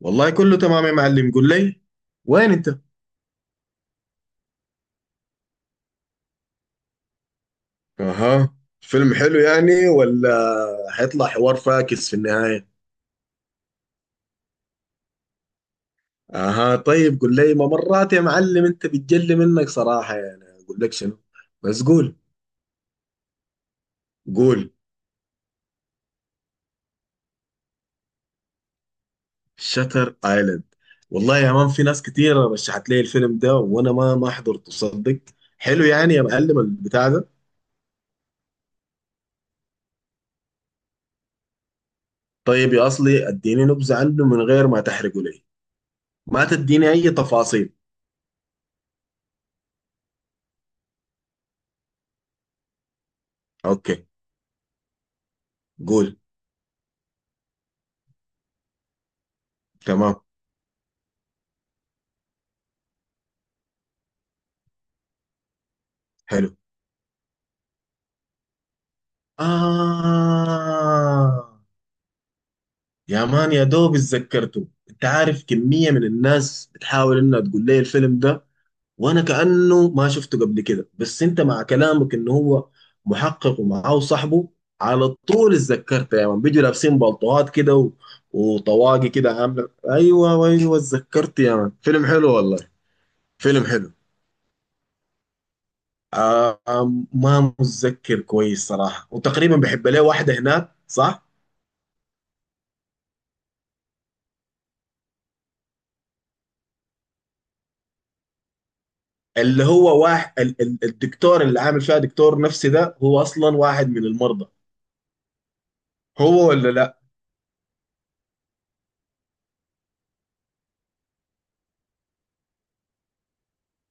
والله كله تمام يا معلم، قول لي وين انت. اها. فيلم حلو يعني ولا هيطلع حوار فاكس في النهاية؟ اها، طيب قول لي ما مرات يا معلم، انت بتجلي منك صراحة يعني اقول لك شنو. بس قول قول. شتر ايلاند. والله يا مان، في ناس كتيرة رشحت لي الفيلم ده وانا ما حضرته صدق. حلو يعني يا معلم البتاع ده؟ طيب يا اصلي، اديني نبذة عنه من غير ما تحرقه لي. ما تديني اي تفاصيل. اوكي. قول. تمام. حلو. آه. يا مان، يا دوب اتذكرته. انت عارف كمية من الناس بتحاول انها تقول لي الفيلم ده، وانا كأنه ما شفته قبل كده. بس انت مع كلامك انه هو محقق ومعاه صاحبه، على طول اتذكرته يا مان. بيجوا لابسين بلطوات كده وطواقي كده. عاملة ايوه ايوه، اتذكرت يا مان، فيلم حلو والله. فيلم حلو. ما متذكر كويس صراحة، وتقريبا بحب له واحدة هناك، صح؟ اللي هو واحد الدكتور اللي عامل فيها دكتور نفسي ده، هو اصلا واحد من المرضى. هو ولا لا.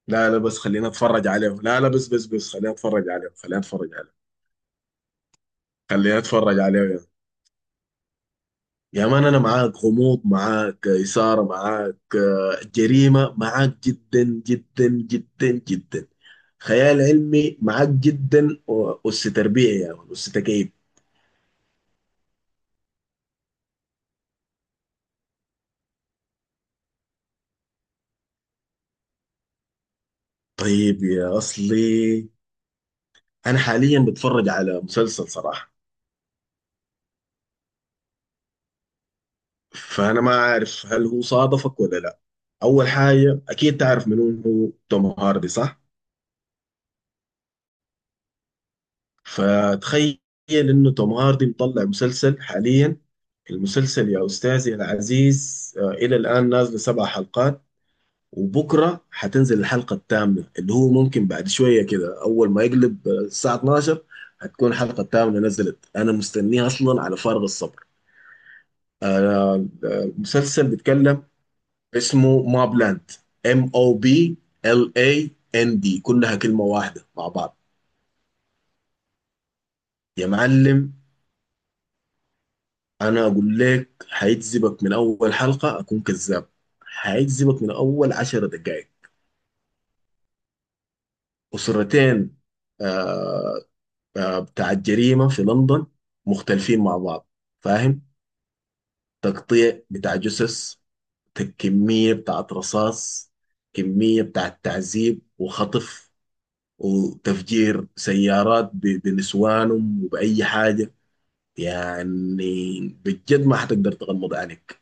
لا لا، بس خلينا اتفرج عليه. لا لا، بس بس بس خلينا اتفرج عليه. خلينا اتفرج عليه. خلينا اتفرج عليه يا. يا مان، انا معاك غموض، معاك اثاره، معاك جريمه، معاك جدا جدا جدا جدا. خيال علمي معاك جدا، وأس تربيع يا مان، أس تكييف. طيب يا اصلي، انا حاليا بتفرج على مسلسل صراحه. فانا ما عارف هل هو صادفك ولا لا. اول حاجه، اكيد تعرف منو هو توم هاردي، صح؟ فتخيل انه توم هاردي مطلع مسلسل حاليا. المسلسل يا استاذي العزيز، الى الان نازل 7 حلقات. وبكره حتنزل الحلقه الثامنه، اللي هو ممكن بعد شويه كده اول ما يقلب الساعه 12 هتكون الحلقه الثامنه نزلت. انا مستنيها اصلا على فارغ الصبر. المسلسل بيتكلم. اسمه موب لاند. MOBLAND، كلها كلمه واحده مع بعض. يا معلم، انا اقول لك هيجذبك من اول حلقه اكون كذاب. هيجذبك من اول 10 دقائق. اسرتين آه، بتاع الجريمه في لندن. مختلفين مع بعض، فاهم. تقطيع بتاع جثث، كميه بتاعت رصاص، كميه بتاعت تعذيب وخطف، وتفجير سيارات بنسوانهم وبأي حاجة يعني. بجد ما حتقدر تغمض عينك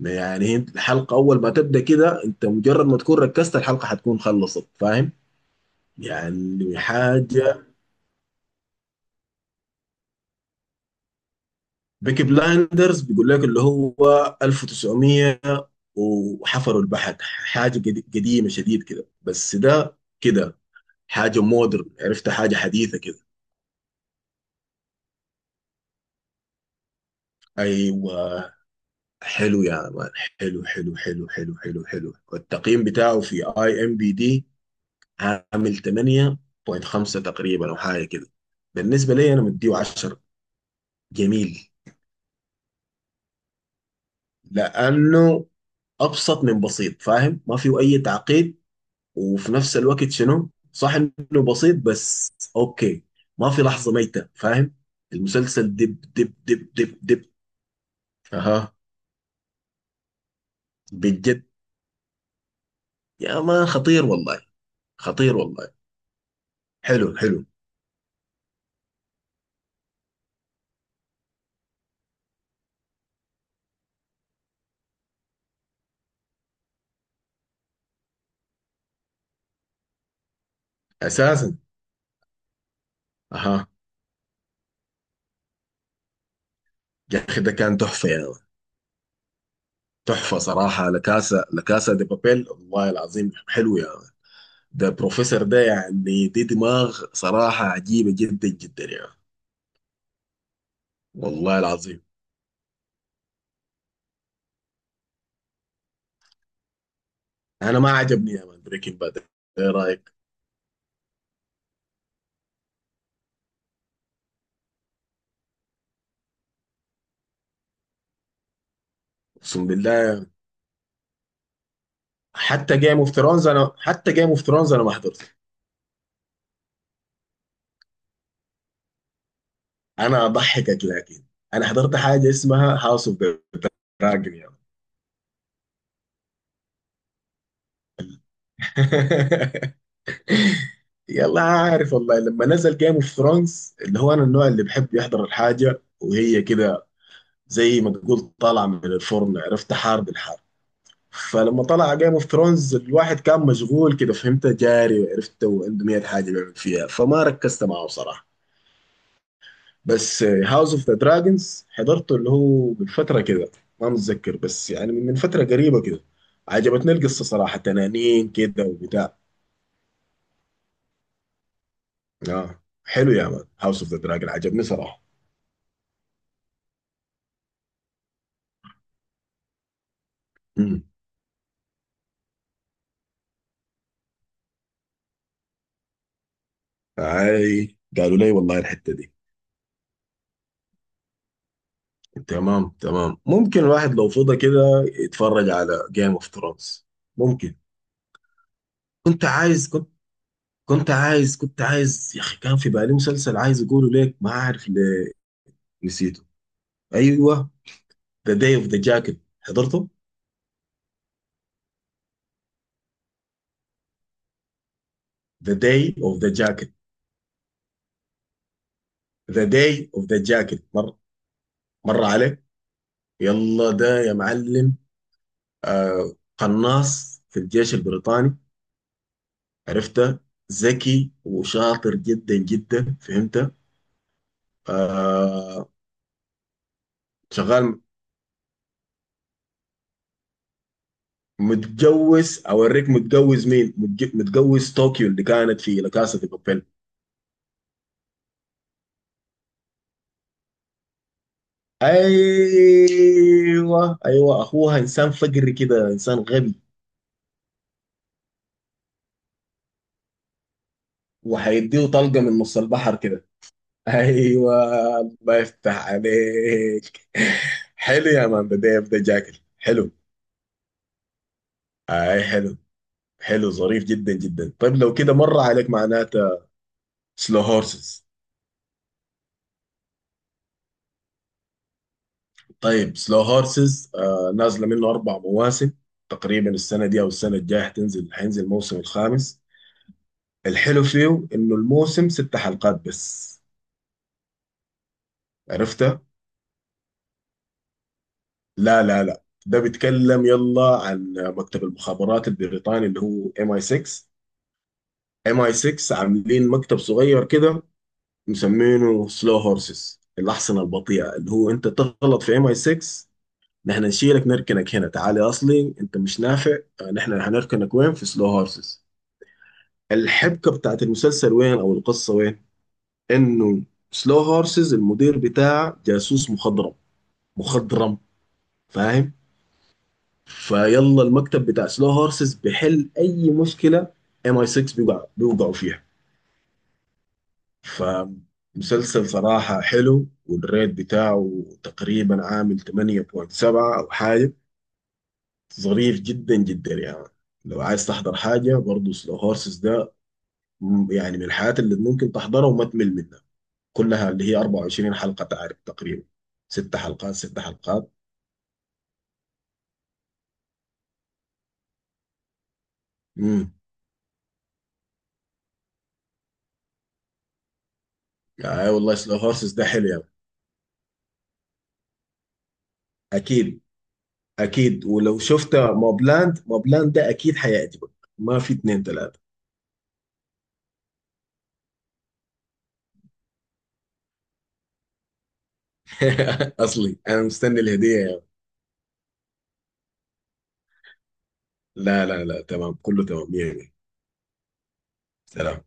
يعني. انت الحلقة أول ما تبدأ كده، أنت مجرد ما تكون ركزت الحلقة حتكون خلصت، فاهم؟ يعني حاجة. بيكي بلايندرز بيقول لك اللي هو 1900 وحفروا البحر، حاجة قديمة شديد كده. بس ده كده حاجة مودرن، عرفت، حاجة حديثة كده. أيوة. حلو يا مان. حلو حلو حلو حلو حلو حلو، والتقييم بتاعه في IMDb عامل 8.5 تقريبا او حاجه كده. بالنسبه لي انا مديه 10. جميل. لانه ابسط من بسيط، فاهم، ما فيه اي تعقيد. وفي نفس الوقت شنو، صح، انه بسيط بس اوكي. ما في لحظه ميته، فاهم. المسلسل دب دب دب دب دب. اها. بجد يا مان، خطير والله. خطير والله. حلو حلو. اساسا. اها. يا اخي ده كان تحفه يا مان. تحفه صراحه، لكاسا لكاسا دي بابيل، والله العظيم حلو يا مان. ده بروفيسور ده يعني، دي دماغ صراحه عجيبه جدا جدا يا مان. والله العظيم. انا ما عجبني يا مان بريكنج باد. ايه رايك. اقسم بالله. حتى جيم اوف ثرونز انا، حتى جيم اوف ثرونز انا ما حضرته. انا اضحكك لكن انا حضرت حاجه اسمها هاوس اوف دراجون يا مان. يلا، عارف والله لما نزل جيم اوف ثرونز اللي هو انا النوع اللي بحب يحضر الحاجه وهي كده، زي ما تقول طلع من الفرن، عرفت، حار بالحار. فلما طلع جيم اوف ثرونز الواحد كان مشغول كده، فهمت، جاري عرفت وعنده 100 حاجه بيعمل فيها، فما ركزت معه بصراحه. بس هاوس اوف ذا دراجونز حضرته اللي هو من فتره كده، ما متذكر بس يعني من فتره قريبه كده. عجبتني القصه صراحه، تنانين كده وبتاع. اه حلو يا مان، هاوس اوف ذا دراجون عجبني صراحه. امم. اي قالوا لي والله الحته دي. تمام تمام، ممكن الواحد لو فضى كده يتفرج على جيم اوف ثرونز، ممكن. كنت عايز كنت كنت عايز يا اخي، كان في بالي مسلسل عايز اقوله ليك ما عارف ليه، نسيته. ايوه. ذا داي اوف ذا جاكيت حضرته. ذا داي اوف ذا جاكيت. ذا داي اوف ذا جاكيت مر. مر عليك. يلا ده يا معلم. آه، قناص في الجيش البريطاني. عرفته. ذكي وشاطر جدا جدا فهمته. آه. شغال. متجوز اوريك، متجوز مين، متجوز طوكيو اللي كانت في لكاسة في بابيل. ايوه ايوه، اخوها انسان فقري كده، انسان غبي. وهيديه طلقه من نص البحر كده. ايوه. الله يفتح عليك. حلو يا مان، ده ديف ده جاكل حلو. اي حلو. حلو ظريف جدا جدا. طيب لو كده مر عليك، معناته، سلو هورسز. طيب سلو هورسز نازله منه 4 مواسم تقريبا، السنه دي او السنه الجايه هتنزل هينزل الموسم الخامس. الحلو فيه انه الموسم 6 حلقات بس. عرفته. لا لا لا، ده بيتكلم يلا عن مكتب المخابرات البريطاني اللي هو ام اي 6. ام اي 6 عاملين مكتب صغير كده، مسمينه سلو هورسز، الاحصنه البطيئه، اللي هو انت تغلط في ام اي 6 نحن نشيلك نركنك هنا، تعالي اصلي انت مش نافع. نحن هنركنك وين؟ في سلو هورسز. الحبكه بتاعت المسلسل وين او القصه وين؟ انه سلو هورسز المدير بتاع جاسوس مخضرم. مخضرم، فاهم. فيلا المكتب بتاع سلو هورسز بيحل اي مشكله ام اي 6 بيوقعوا فيها. فمسلسل صراحه حلو، والريت بتاعه تقريبا عامل 8.7 او حاجه. ظريف جدا جدا يعني. لو عايز تحضر حاجه برضه سلو هورسز ده. يعني من الحاجات اللي ممكن تحضرها وما تمل منها، كلها اللي هي 24 حلقة تعرف تقريبا، 6 حلقات 6 حلقات. امم. اي والله سلو هورسز ده حلو يعني. اكيد. اكيد، ولو شفت موبلاند موبلاند ده اكيد حيعجبك. ما في اتنين تلاتة. اصلي انا مستني الهدية يعني. لا لا لا، تمام، كله تمام يعني. سلام.